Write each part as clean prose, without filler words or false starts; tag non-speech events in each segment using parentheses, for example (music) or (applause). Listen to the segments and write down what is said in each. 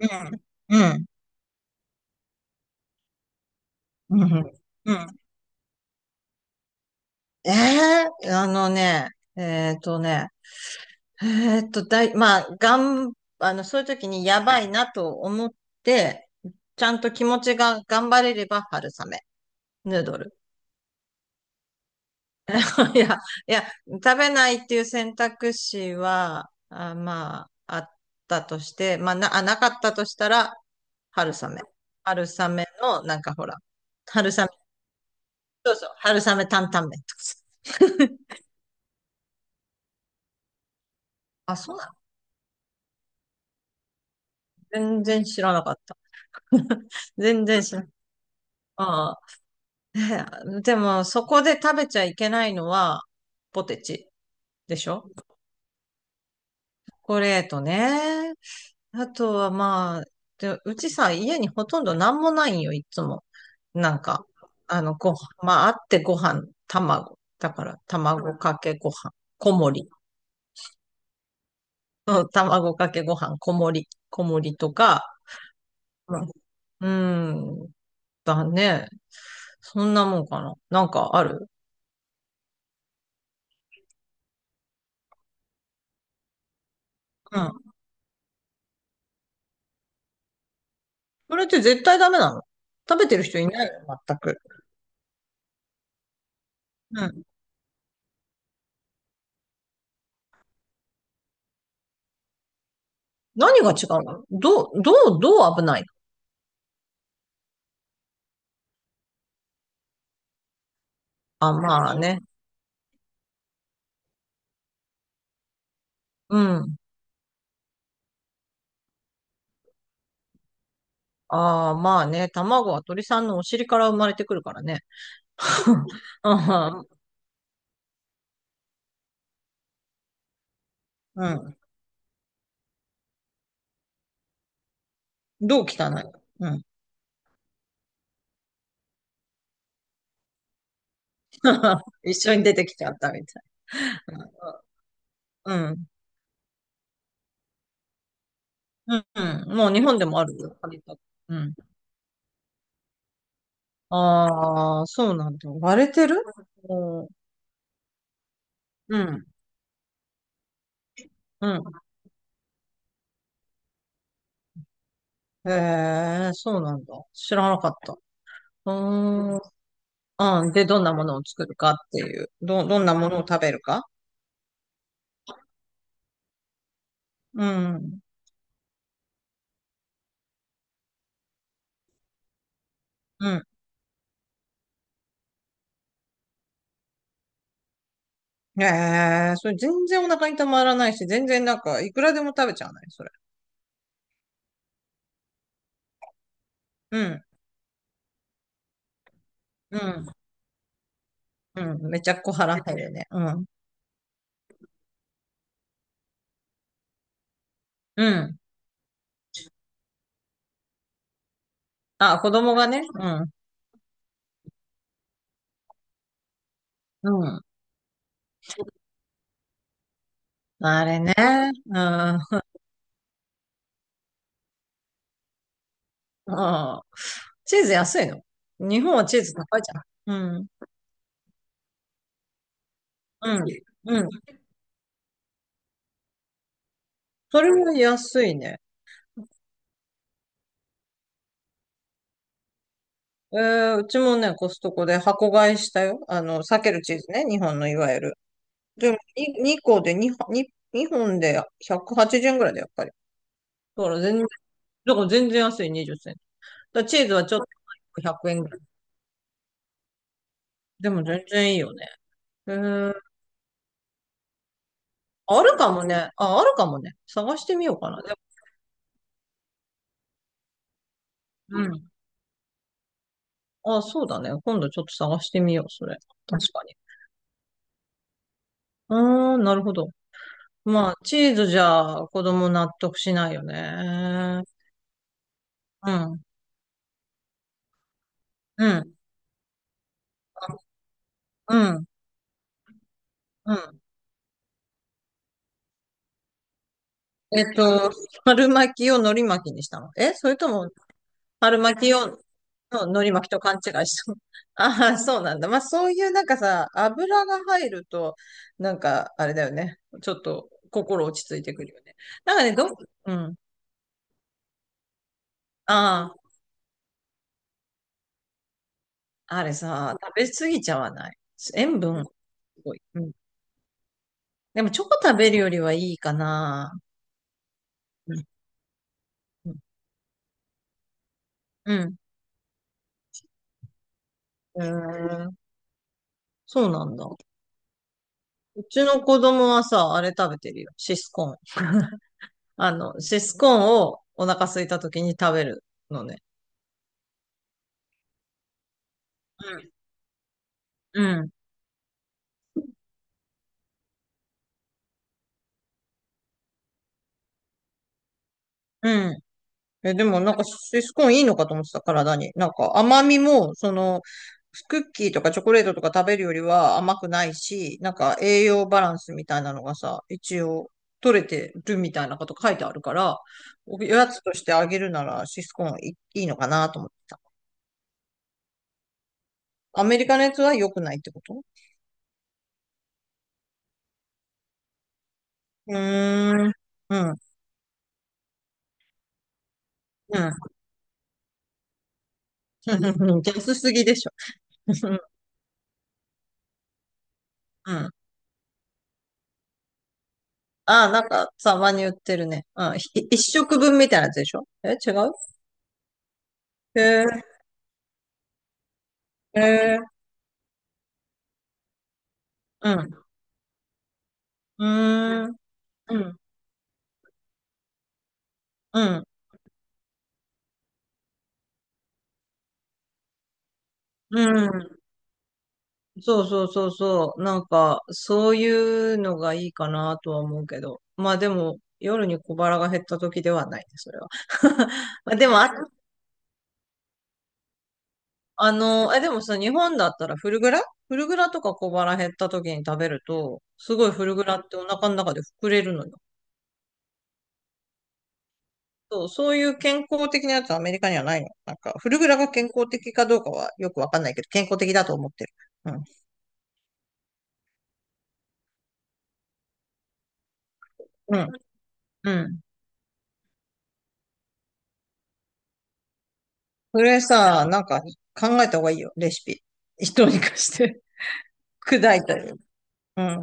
うん、うん、うん、うん。ええあのね、えっとね、まあ、がん、あの、そういう時にやばいなと思って、ちゃんと気持ちが頑張れれば春雨、ヌードル。(laughs) いや、いや、食べないっていう選択肢は、まあ、あったとして、まあ、なかったとしたら、春雨。春雨の、なんかほら、春雨、そうそう、春雨担々麺とかさ。あ、そ全然知らなかった。(laughs) 全然知らなかった (laughs)。ああ。でも、そこで食べちゃいけないのは、ポテチ。でしょ、チョコレートね。あとはまあ、でうちさ、家にほとんどなんもないんよ、いつも。なんか、ご飯、まあ、あってご飯、卵。だから、卵かけご飯、小盛り。うん、卵かけご飯、小盛りとか、うん、うん。だね。そんなもんかな。なんかある？うん。それって絶対ダメなの？食べてる人いないの？全く。うん。何が違うの？どう危ないの？あ、まあね。うん。ああ、まあね。卵は鳥さんのお尻から生まれてくるからね。(laughs) ああ、うん。どう汚いの？うん。(laughs) 一緒に出てきちゃったみたい。うん。うん。うん。もう日本でもあるよ。割と。うん。ああ、そうなんだ。割れてる？うん。うん。うん。へえ、そうなんだ。知らなかった。うん。ああ、で、どんなものを作るかっていう。どんなものを食べるか？うん。うん。ええ、それ全然お腹にたまらないし、全然なんか、いくらでも食べちゃわない、それ。うん。うん。うん。めちゃ小腹減るね。うん。うん。あ、子供がね。うん。うん。あれね。うん。うん。チーズ安いの？日本はチーズ高いじゃん。うん。うん。うん。それも安いね。うちもね、コストコで箱買いしたよ。あの、避けるチーズね。日本のいわゆる。でもに2個で2、二本で180円ぐらいだよ、やっぱり。だから全然、だから全然安い20銭。だからチーズはちょっと100円ぐらい。でも全然いいよね。へえ、あるかもね。あ、あるかもね。探してみようかな。でも、うん。あ、そうだね。今度ちょっと探してみよう、それ。確かに。あー、なるほど。まあ、チーズじゃ子供納得しないよね。うん、うん、うん、うん。えっと、春巻きを海苔巻きにしたの？え、それとも春巻きの海苔巻きと勘違いした。(laughs) ああ、そうなんだ。まあ、そういうなんかさ、油が入ると、なんか、あれだよね。ちょっと、心落ち着いてくるよね。なんかね、うん。ああ、あれさ、食べ過ぎちゃわない？塩分、すごい。うん。でも、チョコ食べるよりはいいかな。うん。うん。うん。そうなんだ。うちの子供はさ、あれ食べてるよ。シスコーン。(laughs) シスコーンをお腹空いた時に食べるのね。うん。うん。うん。え、でもなんかシスコーンいいのかと思ってた、体に。なんか甘みも、クッキーとかチョコレートとか食べるよりは甘くないし、なんか栄養バランスみたいなのがさ、一応取れてるみたいなこと書いてあるから、おやつとしてあげるならシスコーンいいいのかなと思ってた。アメリカのやつは良くないってこと？うーん。うん。うん。(laughs) 安すぎでしょ。(laughs) うん。ああ、なんか、たまに売ってるね。うん。一食分みたいなやつでしょ？え、違う？へえ、へえ、うん。うーん、うん、うん、うん。そうそうそうそう。なんか、そういうのがいいかなとは思うけど。まあでも、夜に小腹が減った時ではないね、それは。(laughs) まあでも、あ、でもさ、日本だったらフルグラとか小腹減った時に食べると、すごいフルグラってお腹の中で膨れるのよ。そう、そういう健康的なやつはアメリカにはないの。なんか、フルグラが健康的かどうかはよくわかんないけど、健康的だと思ってる。うん。うん。うん。それさ、なんか考えた方がいいよ、レシピ。どうにかして (laughs) 砕いたり。うん。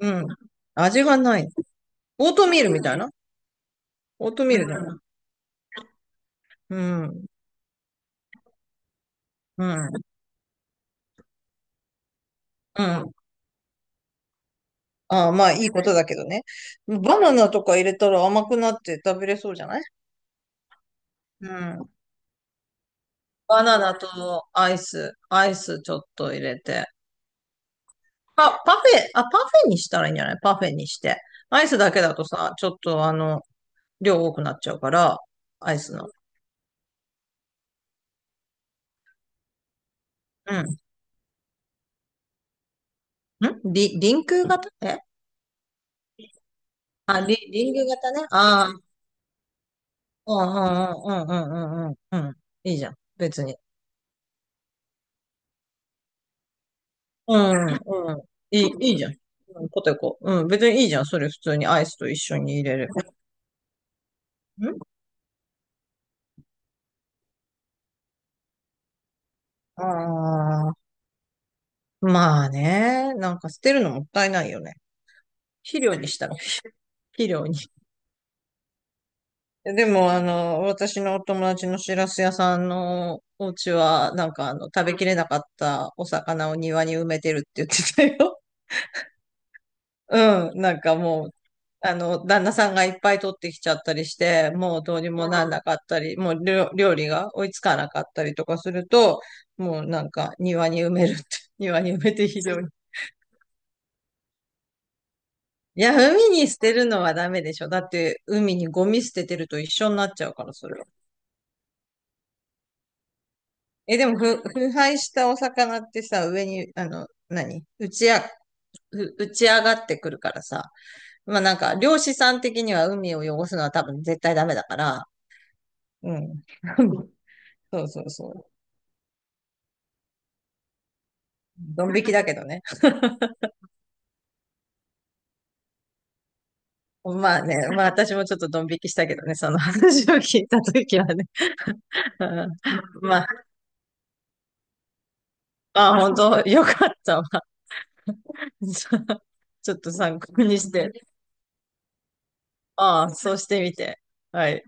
うん。味がない。オートミールみたいな。オートミールだよな。うん。うん。うん。ああ、まあいいことだけどね。バナナとか入れたら甘くなって食べれそうじゃない？うん。バナナとアイス、アイスちょっと入れて。あ、パフェ、あ、パフェにしたらいいんじゃない？パフェにして。アイスだけだとさ、ちょっと量多くなっちゃうから、アイスの。うん。ん。リンク型？え、あ、リンク型ね。ああ、うんうんうんうんうんうんうん。いいじゃん。別に。うんうん。いいじゃん。うん、ポテコ。うん、別にいいじゃん。それ普通にアイスと一緒に入れる。うん。ああー、まあね。なんか捨てるのもったいないよね。肥料にしたら、肥料に。でも、私のお友達のしらす屋さんのお家は、なんか食べきれなかったお魚を庭に埋めてるって言ってたよ。うん、なんかもう、旦那さんがいっぱい取ってきちゃったりして、もうどうにもなんなかったり、もう料理が追いつかなかったりとかすると、もうなんか庭に埋めるって、(laughs) 庭に埋めて非常に。(laughs) いや、海に捨てるのはダメでしょ。だって海にゴミ捨ててると一緒になっちゃうから、それ。え、でも腐敗したお魚ってさ、上に、あの、何打ちあ、ふ打ち上がってくるからさ。まあなんか、漁師さん的には海を汚すのは多分絶対ダメだから。うん。(laughs) そうそうそう。ドン引きだけどね。(laughs) まあね、まあ私もちょっとドン引きしたけどね、その話を聞いたときはね。(laughs) うん。まあ、まあ本当よかったわ。(laughs) ちょっと参考にして。ああ、そうしてみて。はい。